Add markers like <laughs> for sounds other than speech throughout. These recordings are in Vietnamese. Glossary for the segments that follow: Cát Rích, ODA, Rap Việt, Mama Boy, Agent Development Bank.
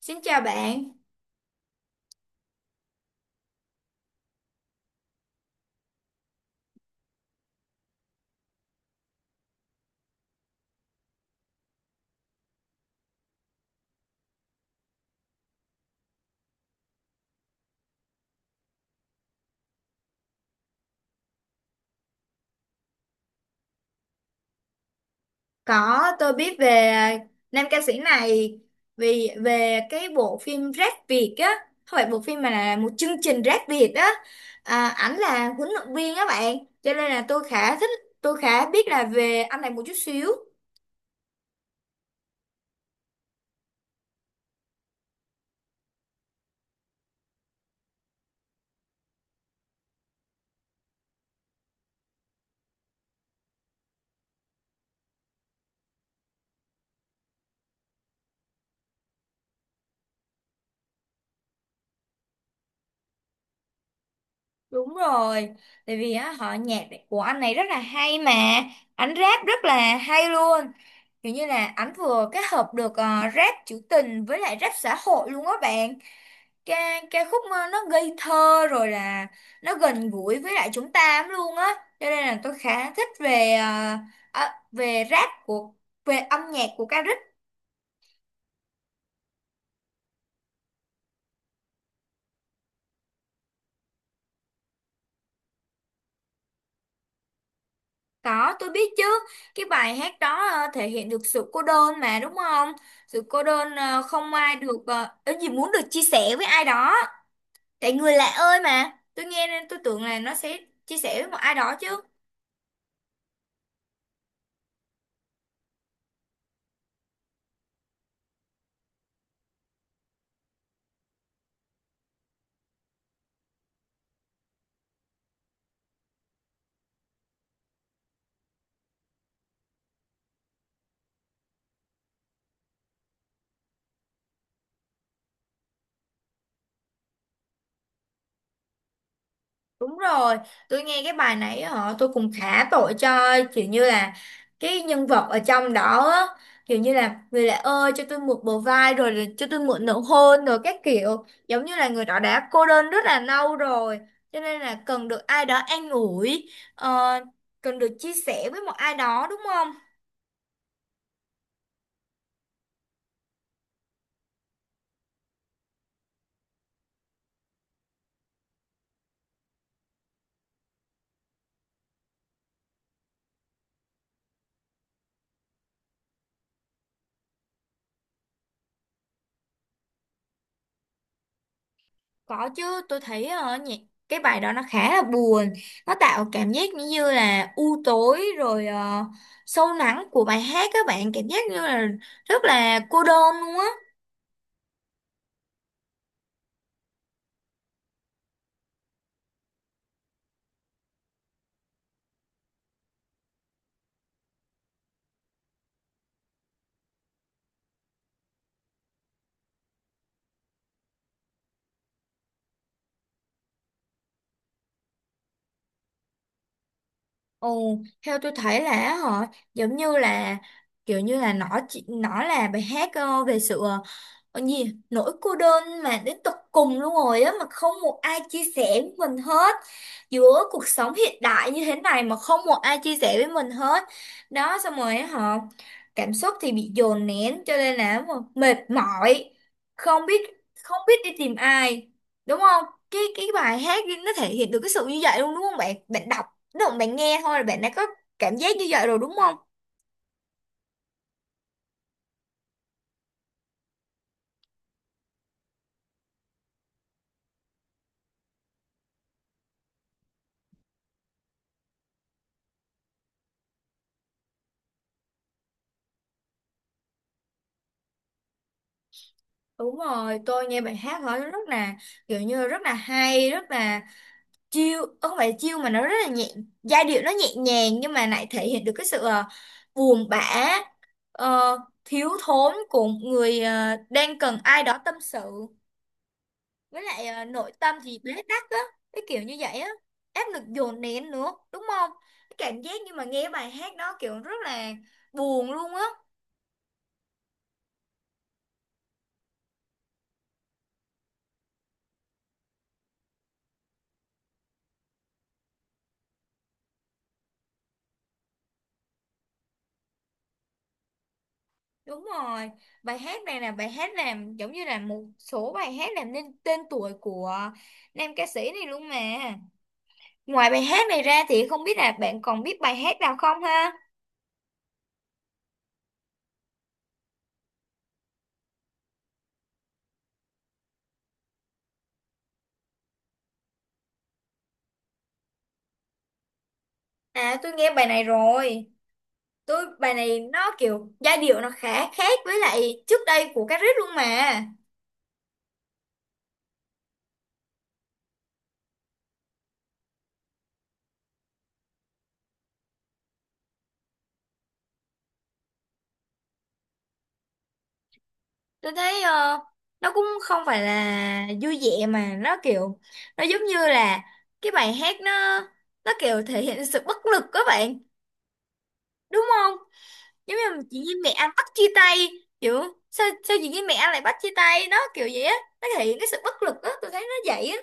Xin chào bạn. Có tôi biết về nam ca sĩ này vì về cái bộ phim Rap Việt á, không phải bộ phim mà là một chương trình Rap Việt á. À, ảnh là huấn luyện viên á bạn, cho nên là tôi khá thích, tôi khá biết là về anh này một chút xíu. Đúng rồi, tại vì á họ nhạc của anh này rất là hay mà, ảnh rap rất là hay luôn. Kiểu như là ảnh vừa kết hợp được rap trữ tình với lại rap xã hội luôn á bạn. Ca ca khúc nó ngây thơ rồi là nó gần gũi với lại chúng ta lắm luôn á, cho nên là tôi khá thích về về rap của về âm nhạc của ca rích. Có tôi biết chứ, cái bài hát đó thể hiện được sự cô đơn mà đúng không? Sự cô đơn, không ai được gì muốn được chia sẻ với ai đó. Tại người lạ ơi mà tôi nghe nên tôi tưởng là nó sẽ chia sẻ với một ai đó chứ. Đúng rồi, tôi nghe cái bài nãy họ tôi cũng khá tội cho, kiểu như là cái nhân vật ở trong đó á, kiểu như là người lạ ơi cho tôi mượn bờ vai rồi là cho tôi mượn nụ hôn rồi các kiểu, giống như là người đó đã cô đơn rất là lâu rồi cho nên là cần được ai đó an ủi, ờ, cần được chia sẻ với một ai đó đúng không? Có chứ, tôi thấy cái bài đó nó khá là buồn, nó tạo cảm giác như như là u tối rồi sâu lắng của bài hát các bạn, cảm giác như là rất là cô đơn luôn á. Ồ, theo tôi thấy là họ giống như là, kiểu như là nó chỉ nó là bài hát về sự còn gì nỗi cô đơn mà đến tột cùng luôn rồi á, mà không một ai chia sẻ với mình hết, giữa cuộc sống hiện đại như thế này mà không một ai chia sẻ với mình hết đó. Xong rồi á họ cảm xúc thì bị dồn nén cho nên là mà mệt mỏi, không biết, không biết đi tìm ai, đúng không? Cái cái bài hát đi, nó thể hiện được cái sự như vậy luôn đúng không bạn? Bạn đọc đúng không? Bạn nghe thôi là bạn đã có cảm giác như vậy rồi đúng không? Đúng rồi, tôi nghe bài hát đó rất là, kiểu như rất là hay, rất là chill, không phải chill mà nó rất là nhẹ. Giai điệu nó nhẹ nhàng nhưng mà lại thể hiện được cái sự buồn bã, ờ, thiếu thốn của một người đang cần ai đó tâm sự, với lại nội tâm thì bế tắc á, cái kiểu như vậy á. Áp lực dồn nén nữa đúng không? Cái cảm giác như mà nghe bài hát đó kiểu rất là buồn luôn á. Đúng rồi, bài hát này là bài hát làm giống như là một số bài hát làm nên tên tuổi của nam ca sĩ này luôn mà. Ngoài bài hát này ra thì không biết là bạn còn biết bài hát nào không ha? À, tôi nghe bài này rồi. Tôi bài này nó kiểu giai điệu nó khá khác với lại trước đây của Cát Rích luôn mà. Tôi thấy nó cũng không phải là vui vẻ mà nó kiểu, nó giống như là cái bài hát nó kiểu thể hiện sự bất lực các bạn, đúng không? Giống như mà chị với mẹ anh bắt chia tay, kiểu sao sao chị với mẹ anh lại bắt chia tay, nó kiểu vậy á, nó thể hiện cái sự bất lực á, tôi thấy nó vậy á.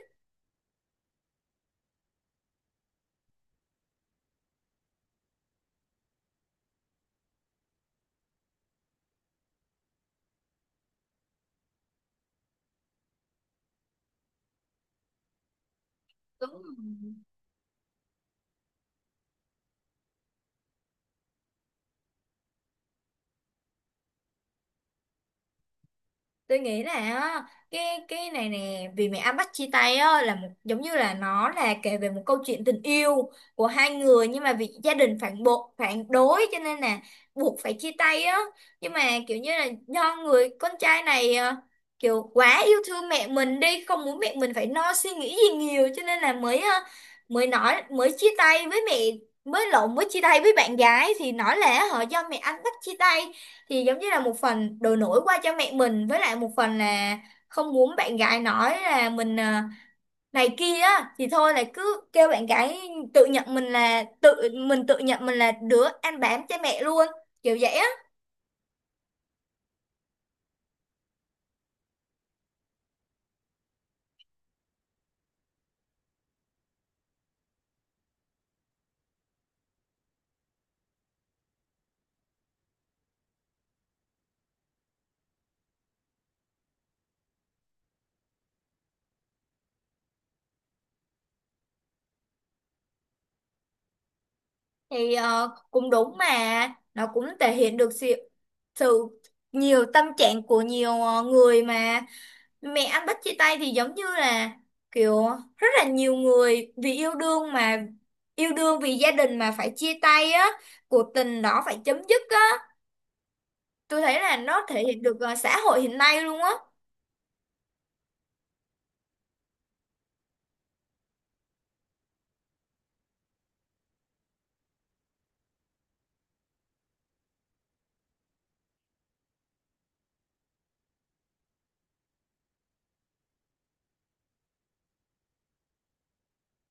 Đúng rồi. Tôi nghĩ là á, cái này nè vì mẹ anh bắt chia tay á là một, giống như là nó là kể về một câu chuyện tình yêu của hai người nhưng mà vì gia đình phản bộ phản đối cho nên là buộc phải chia tay á. Nhưng mà kiểu như là do người con trai này kiểu quá yêu thương mẹ mình đi, không muốn mẹ mình phải lo suy nghĩ gì nhiều cho nên là mới mới nói mới chia tay với mẹ, mới lộn mới chia tay với bạn gái thì nói là họ do mẹ anh bắt chia tay, thì giống như là một phần đổ lỗi qua cho mẹ mình với lại một phần là không muốn bạn gái nói là mình à, này kia á, thì thôi là cứ kêu bạn gái tự nhận mình là tự mình tự nhận mình là đứa ăn bám cha mẹ luôn, kiểu vậy á. Thì cũng đúng mà, nó cũng thể hiện được sự, sự nhiều tâm trạng của nhiều người mà mẹ anh Bích chia tay thì giống như là kiểu rất là nhiều người vì yêu đương mà yêu đương vì gia đình mà phải chia tay á, cuộc tình đó phải chấm dứt á. Tôi thấy là nó thể hiện được xã hội hiện nay luôn á.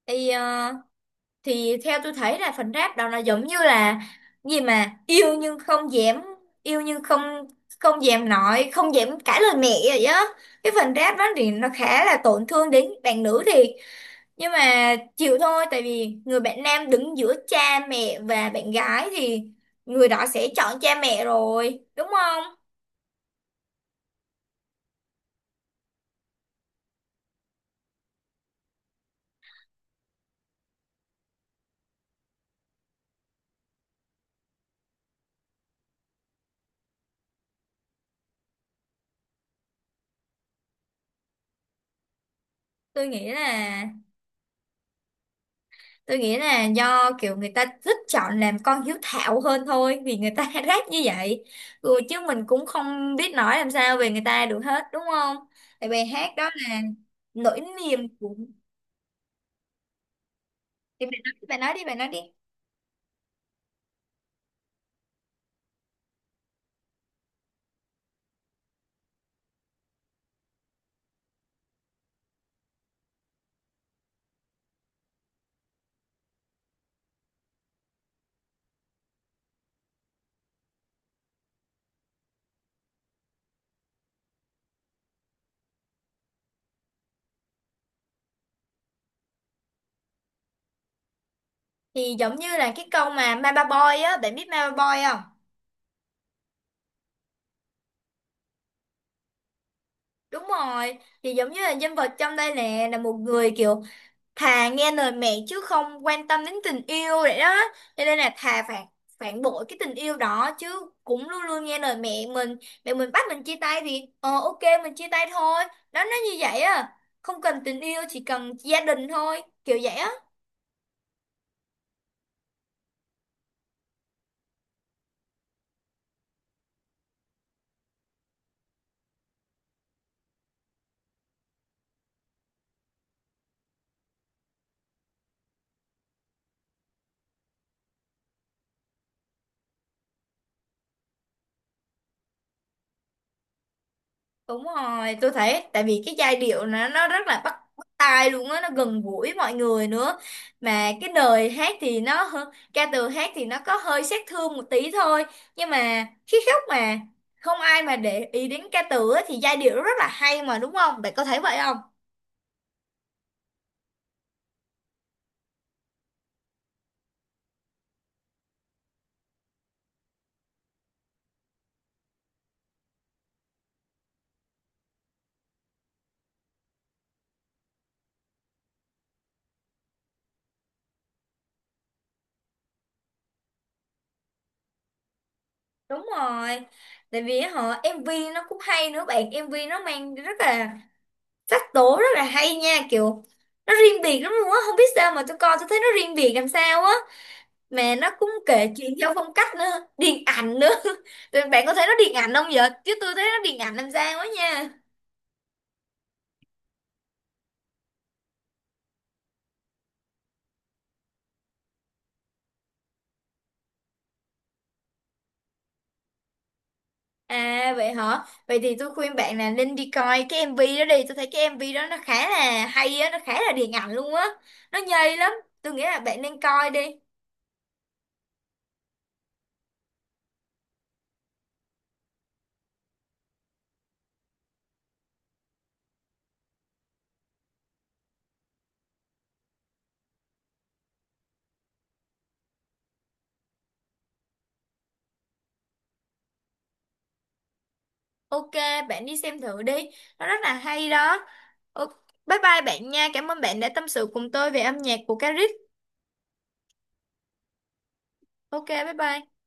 Thì thì theo tôi thấy là phần rap đó nó giống như là gì mà yêu nhưng không dám, yêu nhưng không, không dám nói, không dám cãi lời mẹ vậy á. Cái phần rap đó thì nó khá là tổn thương đến bạn nữ thiệt, nhưng mà chịu thôi tại vì người bạn nam đứng giữa cha mẹ và bạn gái thì người đó sẽ chọn cha mẹ rồi đúng không? tôi nghĩ là tôi nghĩ là do kiểu người ta thích chọn làm con hiếu thảo hơn thôi vì người ta <laughs> ráp như vậy. Ừ, chứ mình cũng không biết nói làm sao về người ta được hết đúng không? Tại bài hát đó là nỗi niềm của. Thì bạn nói đi. Thì giống như là cái câu mà Mama Boy á, bạn biết Mama Boy không? Đúng rồi, thì giống như là nhân vật trong đây nè là một người kiểu thà nghe lời mẹ chứ không quan tâm đến tình yêu vậy đó. Cho nên là thà phản phản bội cái tình yêu đó chứ cũng luôn luôn nghe lời mẹ mình. Mẹ mình bắt mình chia tay thì ờ ok mình chia tay thôi. Đó nó như vậy à. Không cần tình yêu chỉ cần gia đình thôi, kiểu vậy á. Đúng rồi, tôi thấy tại vì cái giai điệu nó rất là bắt bắt tai luôn á, nó gần gũi mọi người nữa. Mà cái lời hát thì nó ca từ hát thì nó có hơi sát thương một tí thôi, nhưng mà khi khóc mà không ai mà để ý đến ca từ á, thì giai điệu nó rất là hay mà đúng không? Bạn có thấy vậy không? Đúng rồi. Tại vì họ MV nó cũng hay nữa bạn, MV nó mang rất là sắc tố rất là hay nha, kiểu nó riêng biệt lắm luôn á, không biết sao mà tôi coi tôi thấy nó riêng biệt làm sao á. Mà nó cũng kể chuyện theo phong cách nữa điện ảnh nữa. <laughs> Rồi bạn có thấy nó điện ảnh không vậy chứ tôi thấy nó điện ảnh làm sao quá nha. À vậy hả, vậy thì tôi khuyên bạn là nên đi coi cái MV đó đi, tôi thấy cái MV đó nó khá là hay á, nó khá là điện ảnh luôn á, nó nhây lắm. Tôi nghĩ là bạn nên coi đi. Ok, bạn đi xem thử đi, nó rất là hay đó. Ok, bye bye bạn nha, cảm ơn bạn đã tâm sự cùng tôi về âm nhạc của Caric. Ok, bye bye.